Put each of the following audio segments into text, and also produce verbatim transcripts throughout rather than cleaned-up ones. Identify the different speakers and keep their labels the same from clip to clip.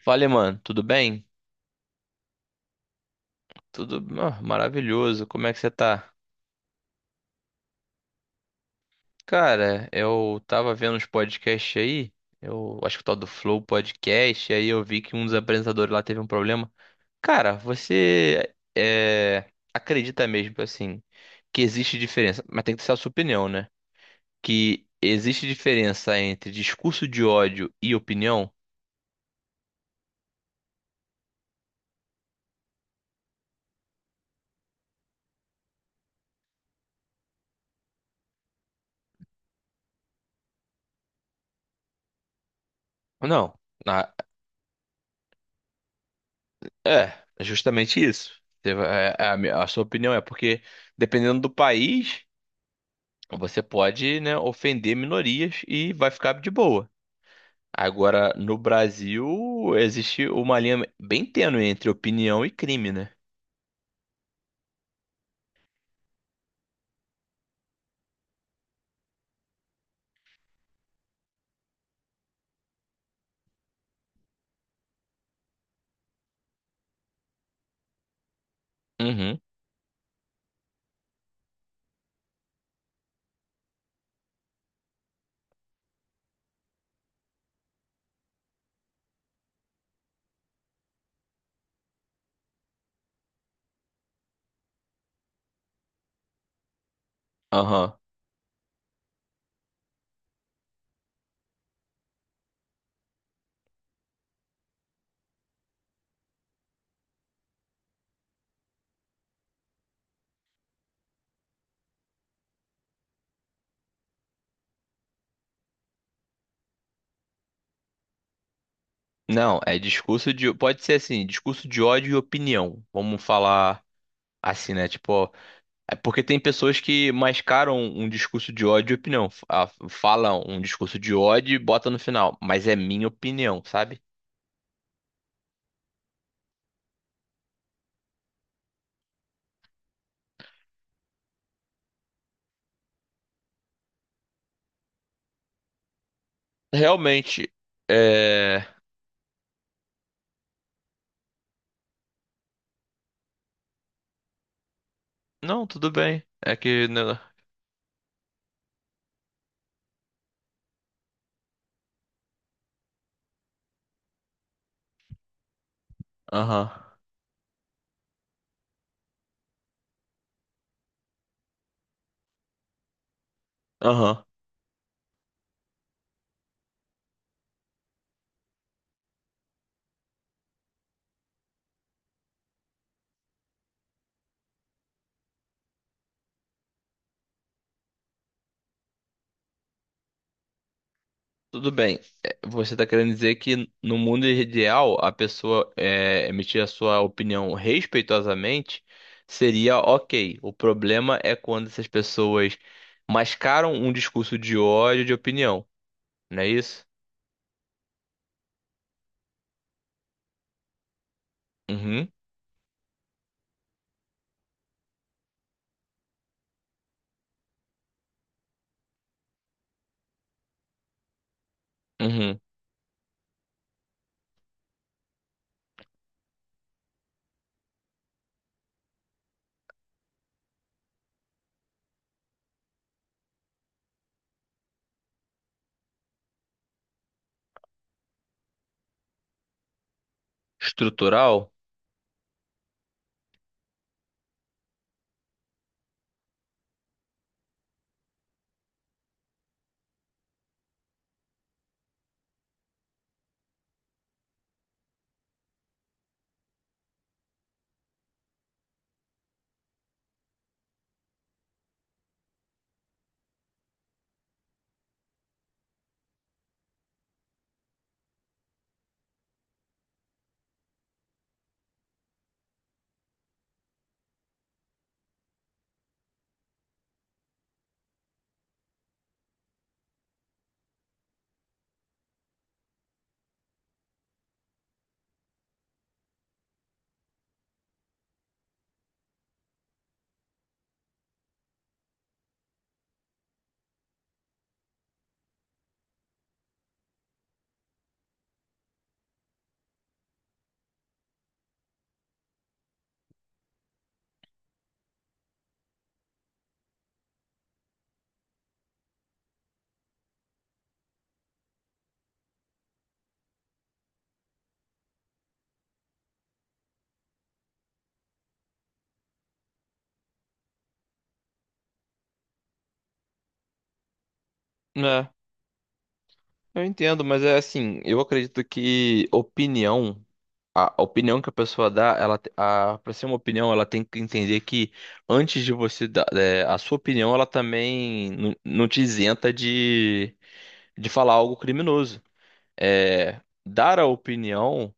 Speaker 1: Fala, mano, tudo bem? Tudo ah, maravilhoso. Como é que você tá? Cara, eu tava vendo uns podcasts aí, eu acho que o tal do Flow Podcast, e aí eu vi que um dos apresentadores lá teve um problema. Cara, você é, acredita mesmo, assim, que existe diferença, mas tem que ser a sua opinião, né? Que existe diferença entre discurso de ódio e opinião? Não. Na- é, é justamente isso. Você vai- é, A, minha- a sua opinião é porque, dependendo do país. Você pode, né, ofender minorias e vai ficar de boa. Agora, no Brasil, existe uma linha bem tênue entre opinião e crime, né? Uhum. Aham. Não, é discurso de. Pode ser assim, discurso de ódio e opinião. Vamos falar assim, né? Tipo, ó, é porque tem pessoas que mascaram um discurso de ódio e opinião. F- ah, Falam um discurso de ódio e bota no final. Mas é minha opinião, sabe? Realmente, é. Não, tudo bem. É que. Né, Aham. Aham, tudo bem. É, você está querendo dizer que no mundo ideal a pessoa é, emitir a sua opinião respeitosamente seria ok. O problema é quando essas pessoas mascaram um discurso de ódio de opinião, não é isso? Uhum, uhum. Estrutural? É, eu entendo, mas é assim, eu acredito que opinião. a a opinião que a pessoa dá, ela a para ser uma opinião, ela tem que entender que antes de você dar é, a sua opinião, ela também não, não te isenta de, de falar algo criminoso. É, dar a opinião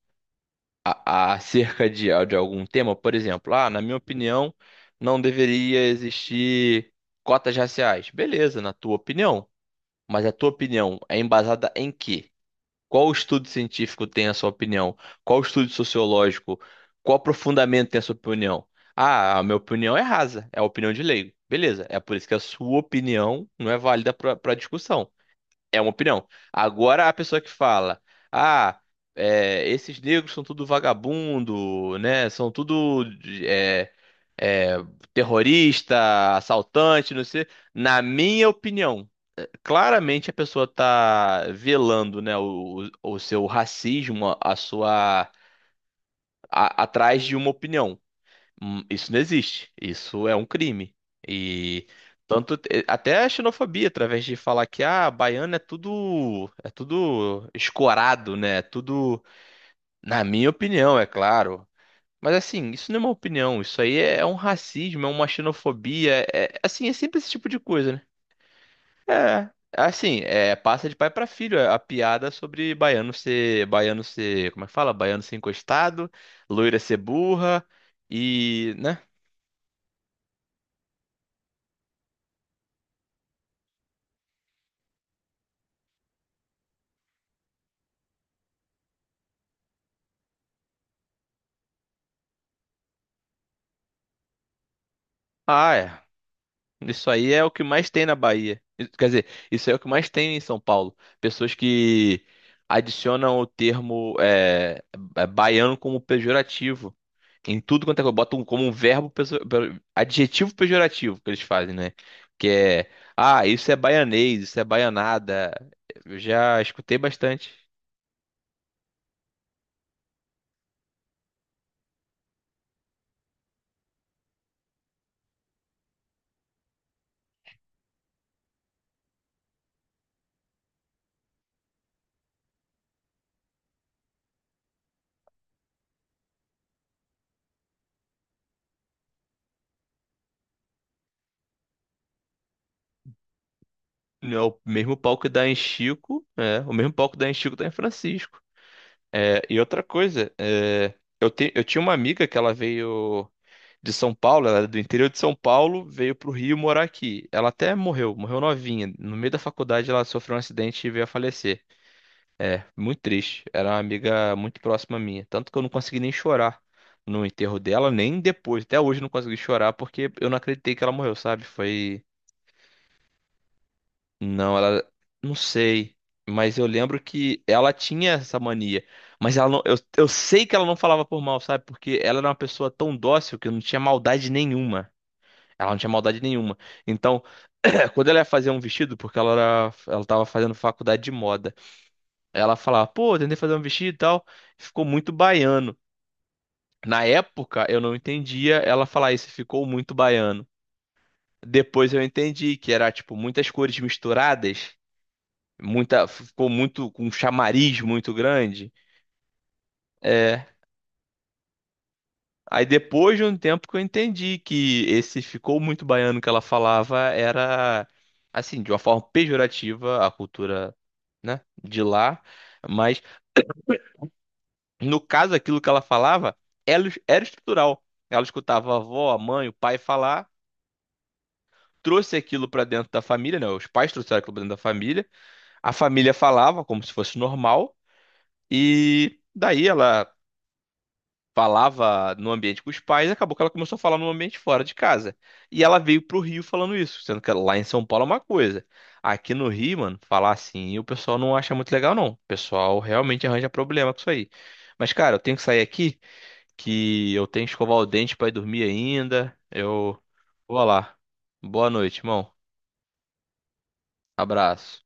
Speaker 1: a- acerca de, de algum tema, por exemplo, ah, na minha opinião, não deveria existir cotas raciais. Beleza, na tua opinião. Mas a tua opinião é embasada em quê? Qual estudo científico tem a sua opinião? Qual estudo sociológico? Qual aprofundamento tem a sua opinião? Ah, a minha opinião é rasa, é a opinião de leigo. Beleza, é por isso que a sua opinião não é válida para discussão. É uma opinião. Agora, a pessoa que fala, ah, é, esses negros são tudo vagabundo, né? São tudo é, é, terrorista, assaltante, não sei. Na minha opinião, é, claramente a pessoa tá velando, né, o, o o seu racismo, a a sua a- atrás de uma opinião. Hum, Isso não existe. Isso é um crime. E tanto eh, até a xenofobia, através de falar que ah, baiano é tudo é tudo escorado, né? É tudo, na minha opinião, é claro. Mas assim, isso não é uma opinião, isso aí é é um racismo, é uma xenofobia, é é, assim, é sempre esse tipo de coisa, né? É, assim, é passa de pai pra filho, a a piada sobre baiano ser, baiano ser, como é que fala? Baiano ser encostado, loira ser burra e, né? Ah, é. Isso aí é o que mais tem na Bahia. Isso- Quer dizer, isso aí é o que mais tem em São Paulo. Pessoas que adicionam o termo é, é, baiano como pejorativo. Em tudo quanto é coisa. Botam como um verbo, pejo- pe- adjetivo pejorativo que eles fazem, né? Que é, ah, isso é baianês, isso é baianada. Eu já escutei bastante. É o mesmo pau que dá em Chico, é, o mesmo pau que dá em Chico dá em Francisco. É, e outra coisa, é, eu, te- eu tinha uma amiga que ela veio. De São Paulo, ela era do interior de São Paulo, veio pro Rio morar aqui. Ela até morreu, morreu novinha. No meio da faculdade ela sofreu um acidente e veio a falecer. Muito triste. Era uma amiga muito próxima minha, tanto que eu não consegui nem chorar no enterro dela, nem depois. Até hoje eu não consegui chorar porque eu não acreditei que ela morreu, sabe? Foi, não, ela não sei. Mas eu lembro que ela tinha essa mania. Mas ela não... eu, eu sei que ela não falava por mal, sabe? Porque ela era uma pessoa tão dócil que não tinha maldade nenhuma. Ela não tinha maldade nenhuma. Então, quando ela ia fazer um vestido, porque ela era, ela tava fazendo faculdade de moda, ela falava, pô, eu tentei fazer um vestido e tal, ficou muito baiano. Na época, eu não entendia ela falar isso, ficou muito baiano. Depois eu entendi que era, tipo, muitas cores misturadas, muita, ficou muito, com um chamariz muito grande. É, aí depois de um tempo que eu entendi que esse ficou muito baiano que ela falava era assim, de uma forma pejorativa a cultura, né, de lá, mas no caso aquilo que ela falava ela- era estrutural. Ela escutava a avó, a mãe, o pai falar, trouxe aquilo pra dentro da família, né? Os pais trouxeram aquilo pra dentro da família, a família falava como se fosse normal e daí ela falava no ambiente com os pais, acabou que ela começou a falar no ambiente fora de casa. E ela veio pro Rio falando isso, sendo que lá em São Paulo é uma coisa. Aqui no Rio, mano, falar assim, o pessoal não acha muito legal, não. O pessoal realmente arranja problema com isso aí. Mas, cara, eu tenho que sair aqui, que eu tenho que escovar o dente pra ir dormir ainda. Eu vou lá. Boa noite, irmão. Abraço.